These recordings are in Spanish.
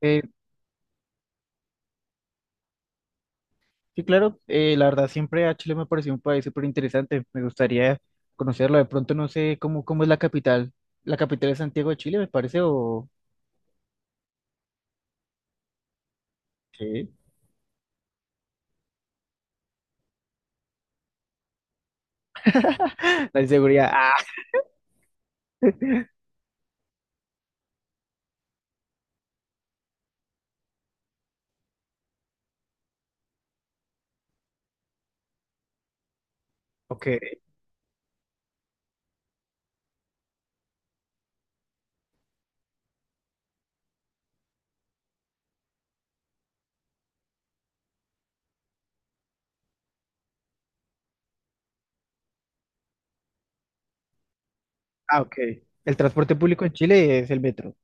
Eh, sí, claro, la verdad siempre a Chile me pareció un país súper interesante, me gustaría conocerlo. De pronto no sé cómo es la capital. La capital es Santiago de Chile, me parece, o sí. La inseguridad, ah, ok, ah, ok, el transporte público en Chile es el metro,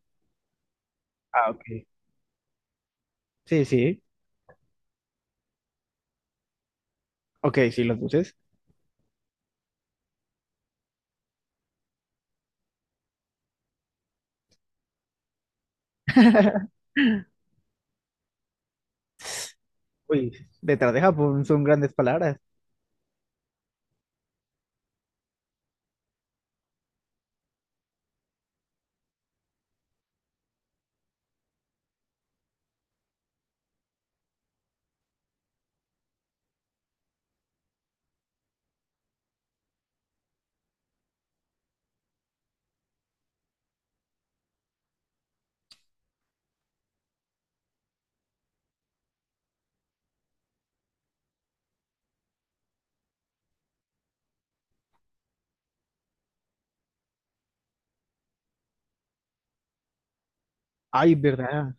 ah, ok, sí, sí, ok, sí, los buses. Uy, detrás de Japón son grandes palabras. Ay, verdad,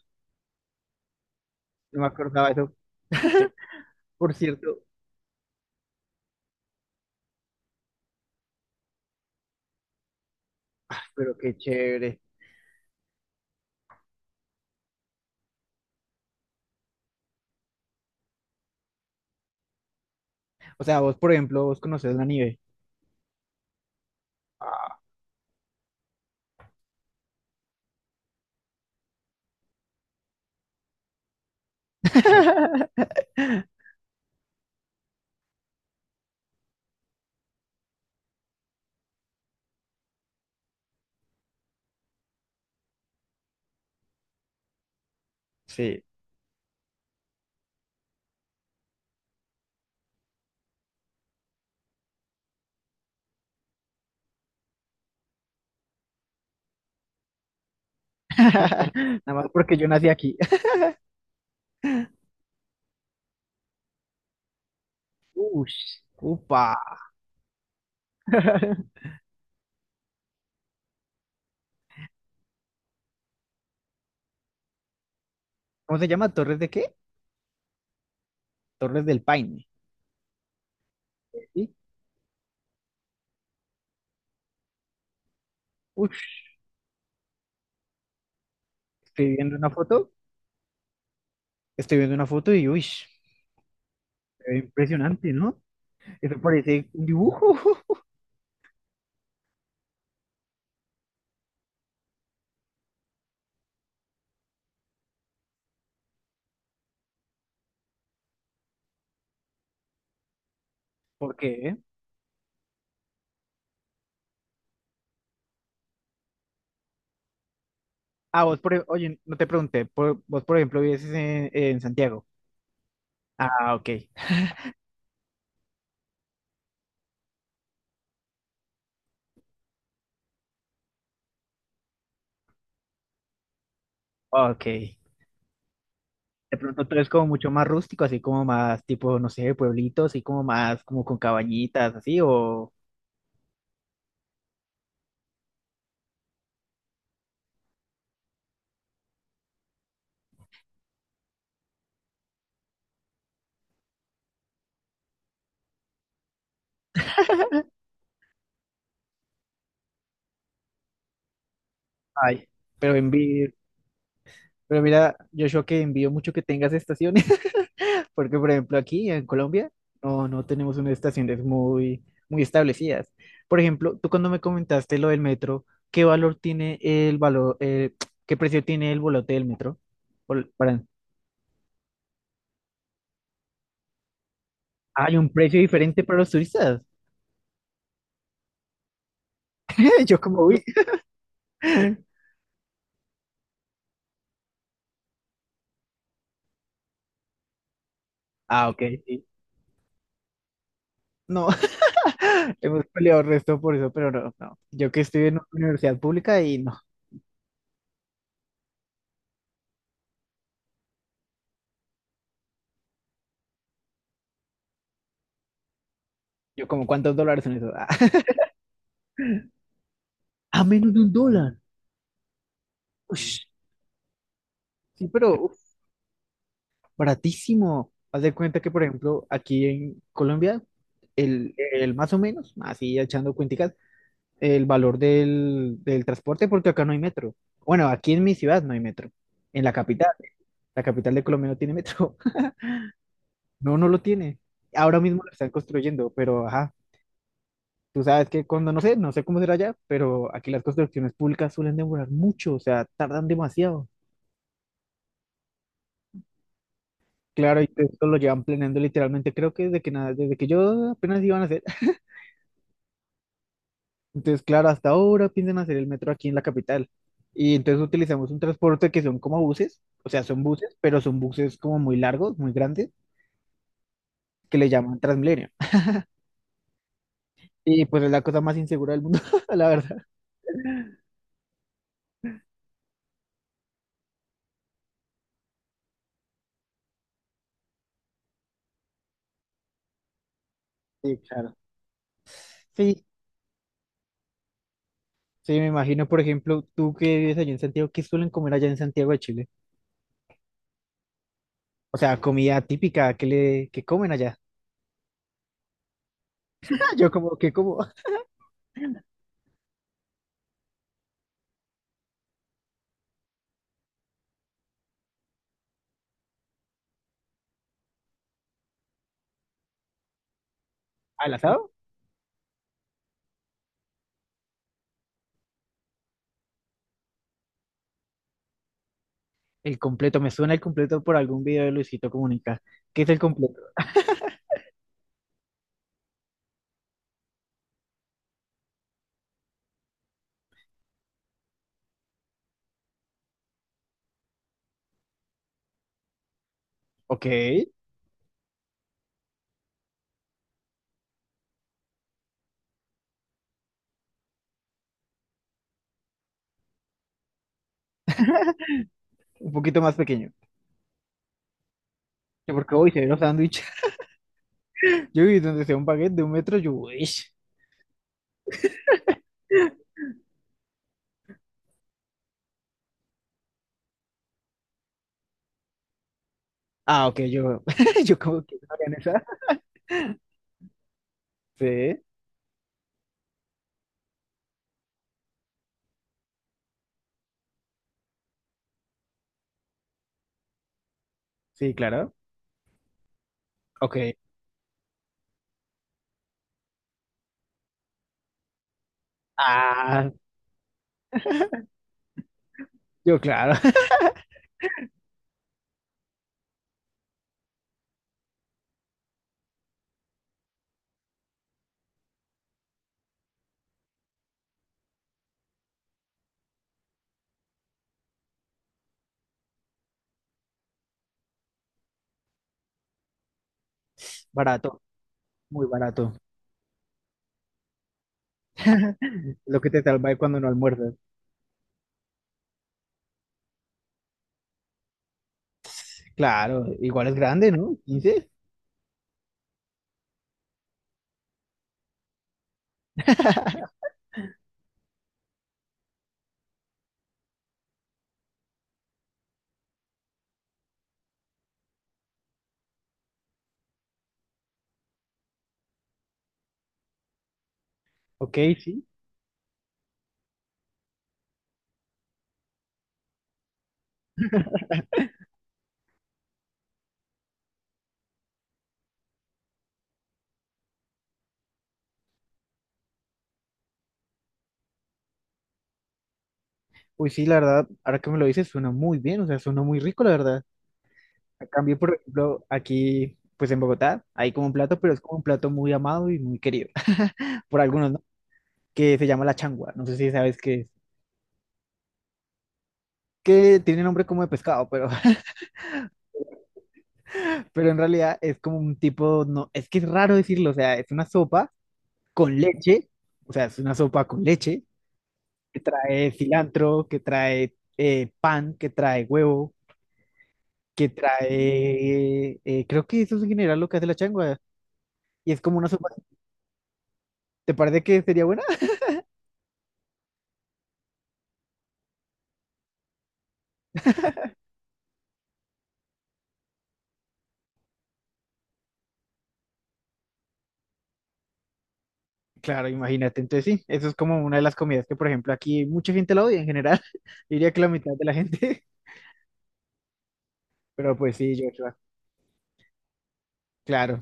no me acordaba de eso, por cierto, pero qué chévere. O sea, vos conoces la nieve, ah, sí. Nada más porque yo nací aquí. Ush, upa. ¿Cómo se llama? ¿Torres de qué? Torres del Paine. ¿Sí? Ush, estoy viendo una foto. Estoy viendo una foto y uy, impresionante, ¿no? Eso parece un dibujo. ¿Por qué? Ah, vos, oye, no te pregunté. Vos, por ejemplo, vives en Santiago. Ah, ok. Ok. De pronto tú eres como mucho más rústico, así como más tipo, no sé, pueblitos, así como más como con cabañitas, así o... Ay, pero en Vir- pero mira, Joshua, que envío mucho que tengas estaciones, porque por ejemplo aquí en Colombia no tenemos unas estaciones muy establecidas. Por ejemplo, tú cuando me comentaste lo del metro, ¿qué valor tiene el valor, eh, ¿qué precio tiene el boleto del metro? Bol- para- ¿Hay un precio diferente para los turistas? Yo como, uy. Ah, ok, sí. No, hemos peleado el resto por eso, pero no, no. Yo que estoy en una universidad pública y no. Yo como, ¿cuántos dólares son eso? A menos de un dólar. Ush, sí, pero baratísimo. Haz de cuenta que, por ejemplo, aquí en Colombia, el más o menos, así echando cuenticas, el valor del transporte, porque acá no hay metro. Bueno, aquí en mi ciudad no hay metro. En la capital de Colombia no tiene metro. No, no lo tiene. Ahora mismo lo están construyendo, pero ajá, tú sabes que cuando no sé cómo será allá, pero aquí las construcciones públicas suelen demorar mucho, o sea, tardan demasiado. Claro, y esto lo llevan planeando literalmente, creo que desde que nada, desde que yo apenas iban a hacer. Entonces, claro, hasta ahora piensan hacer el metro aquí en la capital. Y entonces utilizamos un transporte que son como buses, o sea, son buses, pero son buses como muy largos, muy grandes, que le llaman Transmilenio. Y pues es la cosa más insegura del mundo, la verdad. Sí, claro. Sí, sí, me imagino, por ejemplo, tú que vives allá en Santiago, ¿qué suelen comer allá en Santiago de Chile? O sea, comida típica, ¿qué comen allá? Ah, yo como, ¿qué como? ¿Al asado? El completo, me suena el completo por algún video de Luisito Comunica. ¿Qué es el completo? Ok, un poquito más pequeño. Yo porque hoy se ve los sándwiches. Yo vi donde sea un baguette de un metro, yo, uy. Ah, ok, yo, yo como que no harían esa. Sí, sí, claro. Ok. Ah, yo, claro. Barato, muy barato. Lo que te salva es cuando no almuerzas. Claro, igual es grande, ¿no? 15. Ok, sí. Uy, sí, la verdad, ahora que me lo dices, suena muy bien, o sea, suena muy rico, la verdad. A cambio, por ejemplo, aquí, pues en Bogotá, hay como un plato, pero es como un plato muy amado y muy querido, por algunos, ¿no?, que se llama la changua. No sé si sabes qué es. Que tiene nombre como de pescado, pero, pero en realidad es como un tipo, no, es que es raro decirlo, o sea, es una sopa con leche, o sea, es una sopa con leche que trae cilantro, que trae pan, que trae huevo, creo que eso es en general lo que hace la changua. Y es como una sopa, ¿te parece que sería buena? Claro, imagínate, entonces sí, eso es como una de las comidas que, por ejemplo, aquí mucha gente la odia en general, diría que la mitad de la gente, pero pues sí, Joshua, claro.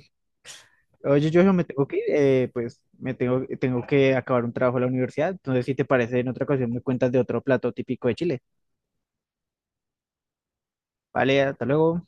Oye, yo me tengo que ir, pues tengo que acabar un trabajo en la universidad. Entonces, si te parece, en otra ocasión me cuentas de otro plato típico de Chile. Vale, hasta luego.